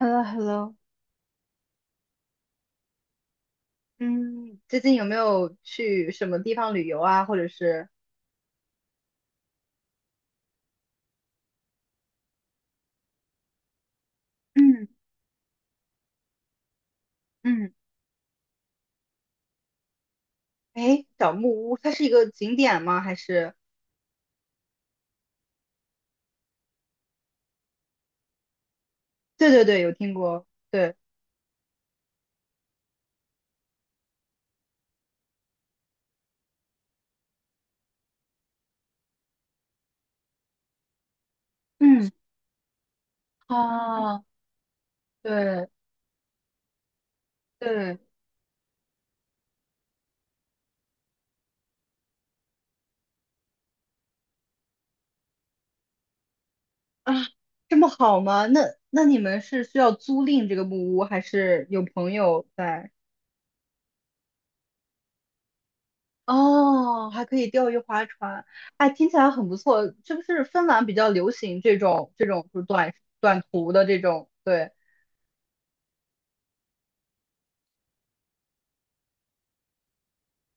h e l l o h e l l o 嗯，最近有没有去什么地方旅游啊？或者是，嗯嗯，哎，小木屋，它是一个景点吗？还是？对对对，有听过。对，嗯，啊，对对，啊，这么好吗？那你们是需要租赁这个木屋，还是有朋友在？哦，还可以钓鱼划船，哎，听起来很不错。是不是芬兰比较流行这种就是短途的这种？对。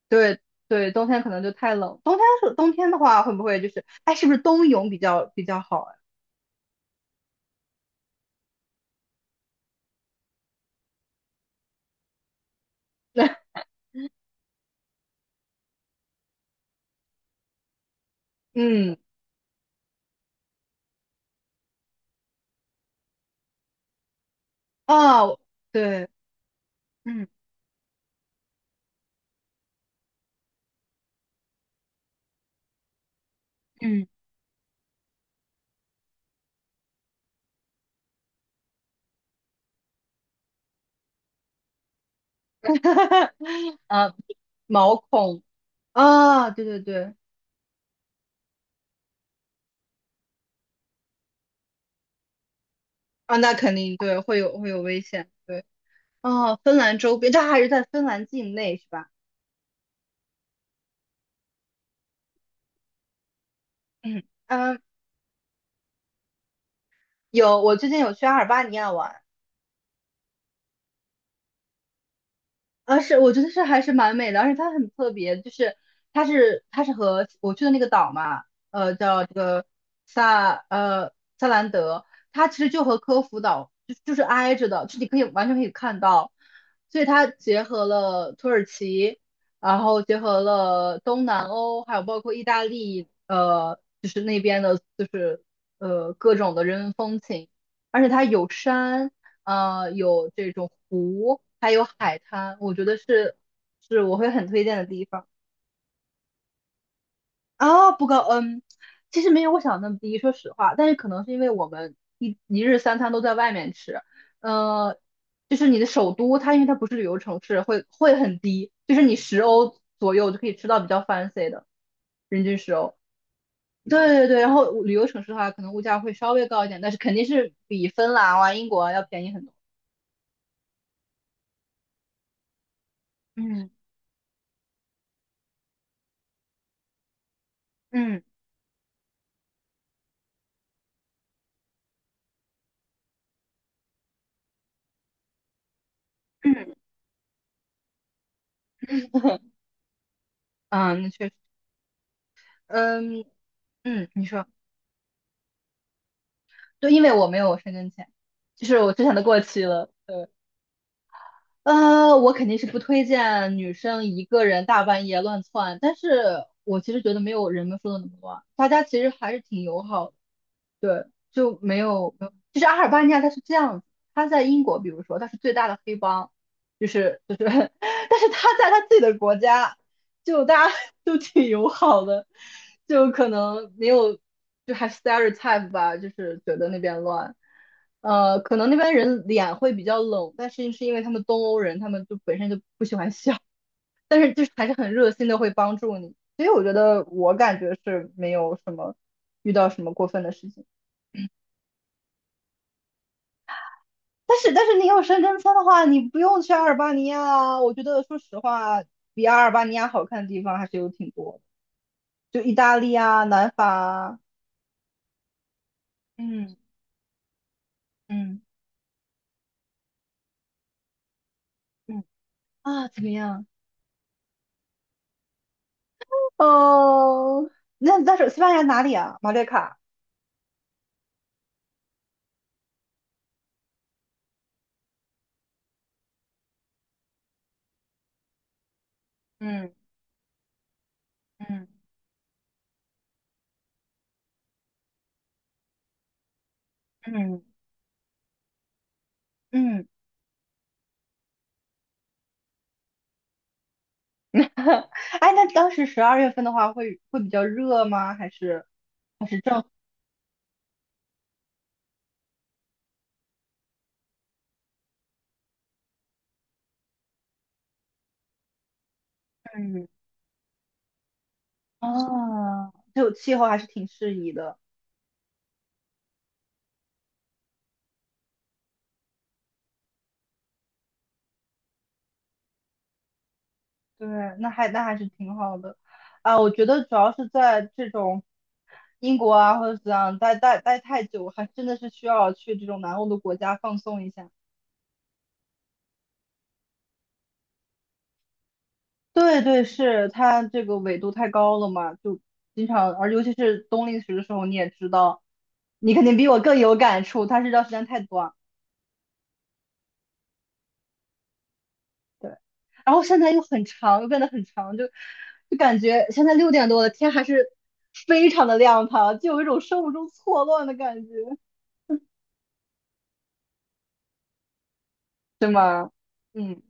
对对，冬天可能就太冷。冬天的话，会不会就是哎，是不是冬泳比较好啊？嗯，哦，对，嗯嗯，啊，毛孔啊，对对对，啊，那肯定对，会有危险，对，哦，芬兰周边，这还是在芬兰境内是吧？嗯嗯，有，我最近有去阿尔巴尼亚玩，啊，是，我觉得是还是蛮美的，而且它很特别，就是它是和我去的那个岛嘛，叫这个萨呃萨兰德，它其实就和科孚岛就是挨着的，就你可以完全可以看到，所以它结合了土耳其，然后结合了东南欧，还有包括意大利，就是那边的，就是各种的人文风情，而且它有山。有这种湖，还有海滩，我觉得是我会很推荐的地方。啊，不高，嗯，其实没有我想的那么低，说实话，但是可能是因为我们一日三餐都在外面吃，呃，就是你的首都，它因为它不是旅游城市，会很低，就是你十欧左右就可以吃到比较 fancy 的，人均十欧。对对对，然后旅游城市的话，可能物价会稍微高一点，但是肯定是比芬兰啊、英国啊要便宜很多。嗯嗯，嗯，嗯，那确实，嗯嗯，你说，对，因为我没有申根签，就是我之前的过期了。对，我肯定是不推荐女生一个人大半夜乱窜，但是我其实觉得没有人们说的那么多，大家其实还是挺友好的。对，就没有，没有就是阿尔巴尼亚它是这样子，它在英国，比如说它是最大的黑帮，就是，但是它在它自己的国家，就大家 都挺友好的，就可能没有，就还 stereotype 吧，就是觉得那边乱，可能那边人脸会比较冷，但是是因为他们东欧人，他们就本身就不喜欢笑，但是就是还是很热心的会帮助你，所以我觉得我感觉是没有什么遇到什么过分的事情。但是你有深根签的话，你不用去阿尔巴尼亚啊。我觉得说实话，比阿尔巴尼亚好看的地方还是有挺多的，就意大利啊、南法啊，嗯嗯嗯，啊，怎么样？哦，那你是西班牙哪里啊？马略卡。嗯嗯嗯嗯，哎，那当时12月份的话会比较热吗？还是正？嗯，啊，就气候还是挺适宜的。对，那还是挺好的，啊，我觉得主要是在这种英国啊或者怎样待太久，还真的是需要去这种南欧的国家放松一下。对对，是它这个纬度太高了嘛，就经常，而尤其是冬令时的时候，你也知道，你肯定比我更有感触，它日照时间太短，对，然后现在又很长，又变得很长，就感觉现在6点多了，天还是非常的亮堂，就有一种生物钟错乱的感觉。对吗？嗯，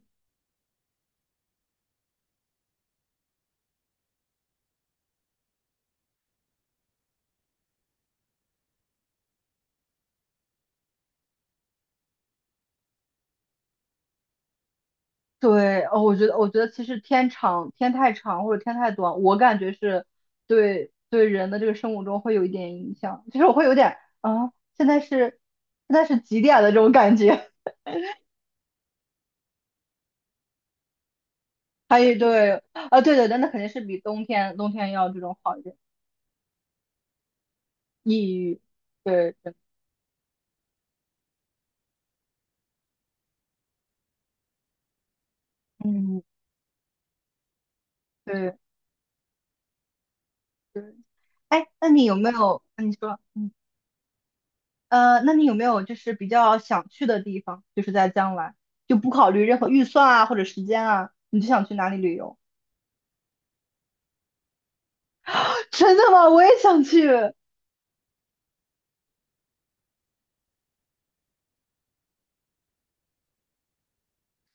对，哦，我觉得其实天长、天太长或者天太短，我感觉是对人的这个生物钟会有一点影响，其实我会有点啊，现在是几点的这种感觉。还有对，啊，对对，但那肯定是比冬天要这种好一点。抑郁，对对，嗯，对对。哎，那你有没有？那你说。嗯，那你有没有就是比较想去的地方？就是在将来，就不考虑任何预算啊或者时间啊，你就想去哪里旅游？真的吗？我也想去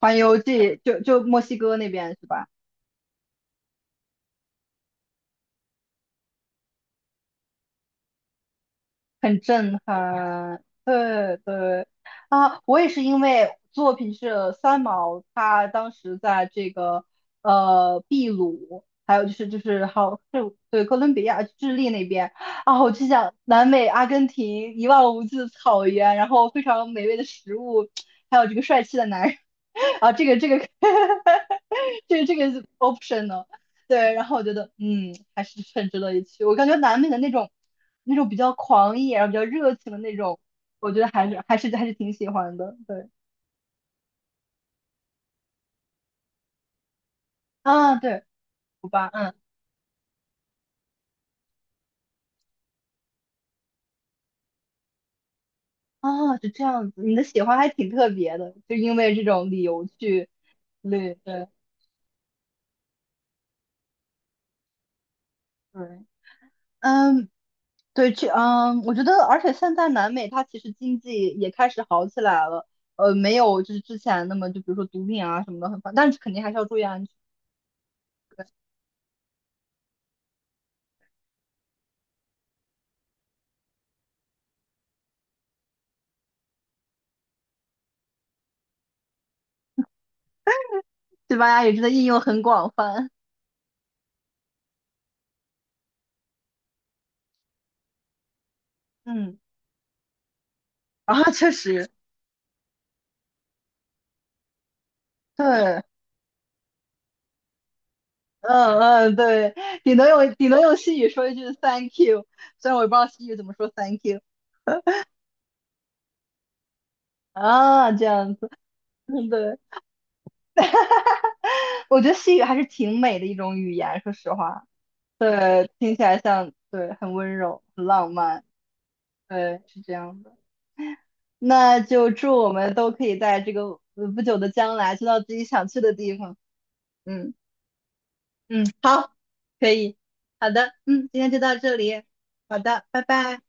环游记，就墨西哥那边是吧？很震撼，对对，啊，我也是因为作品是三毛，他当时在这个秘鲁，还有就是好是对哥伦比亚、智利那边，啊，我就想南美阿根廷一望无际的草原，然后非常美味的食物，还有这个帅气的男人。 啊，这个 这个 option。 对，然后我觉得，嗯，还是很值得一去。我感觉南美的那种比较狂野，然后比较热情的那种，我觉得还是挺喜欢的。对，啊，对，古巴，嗯，啊，是这样子。你的喜欢还挺特别的，就因为这种理由去旅，对对，嗯，对，去，嗯，我觉得，而且现在南美它其实经济也开始好起来了，没有就是之前那么就比如说毒品啊什么的很烦，但是肯定还是要注意安全。西班牙语真的应用很广泛，嗯，啊，确实，对，嗯嗯，对，顶多用西语说一句 thank you，虽然我也不知道西语怎么说 thank you。 啊，这样子，嗯，对，我觉得西语还是挺美的一种语言，说实话，对，听起来像，对，很温柔，很浪漫，对，是这样的。那就祝我们都可以在这个不久的将来去到自己想去的地方，嗯嗯，好，可以，好的，嗯，今天就到这里，好的，拜拜。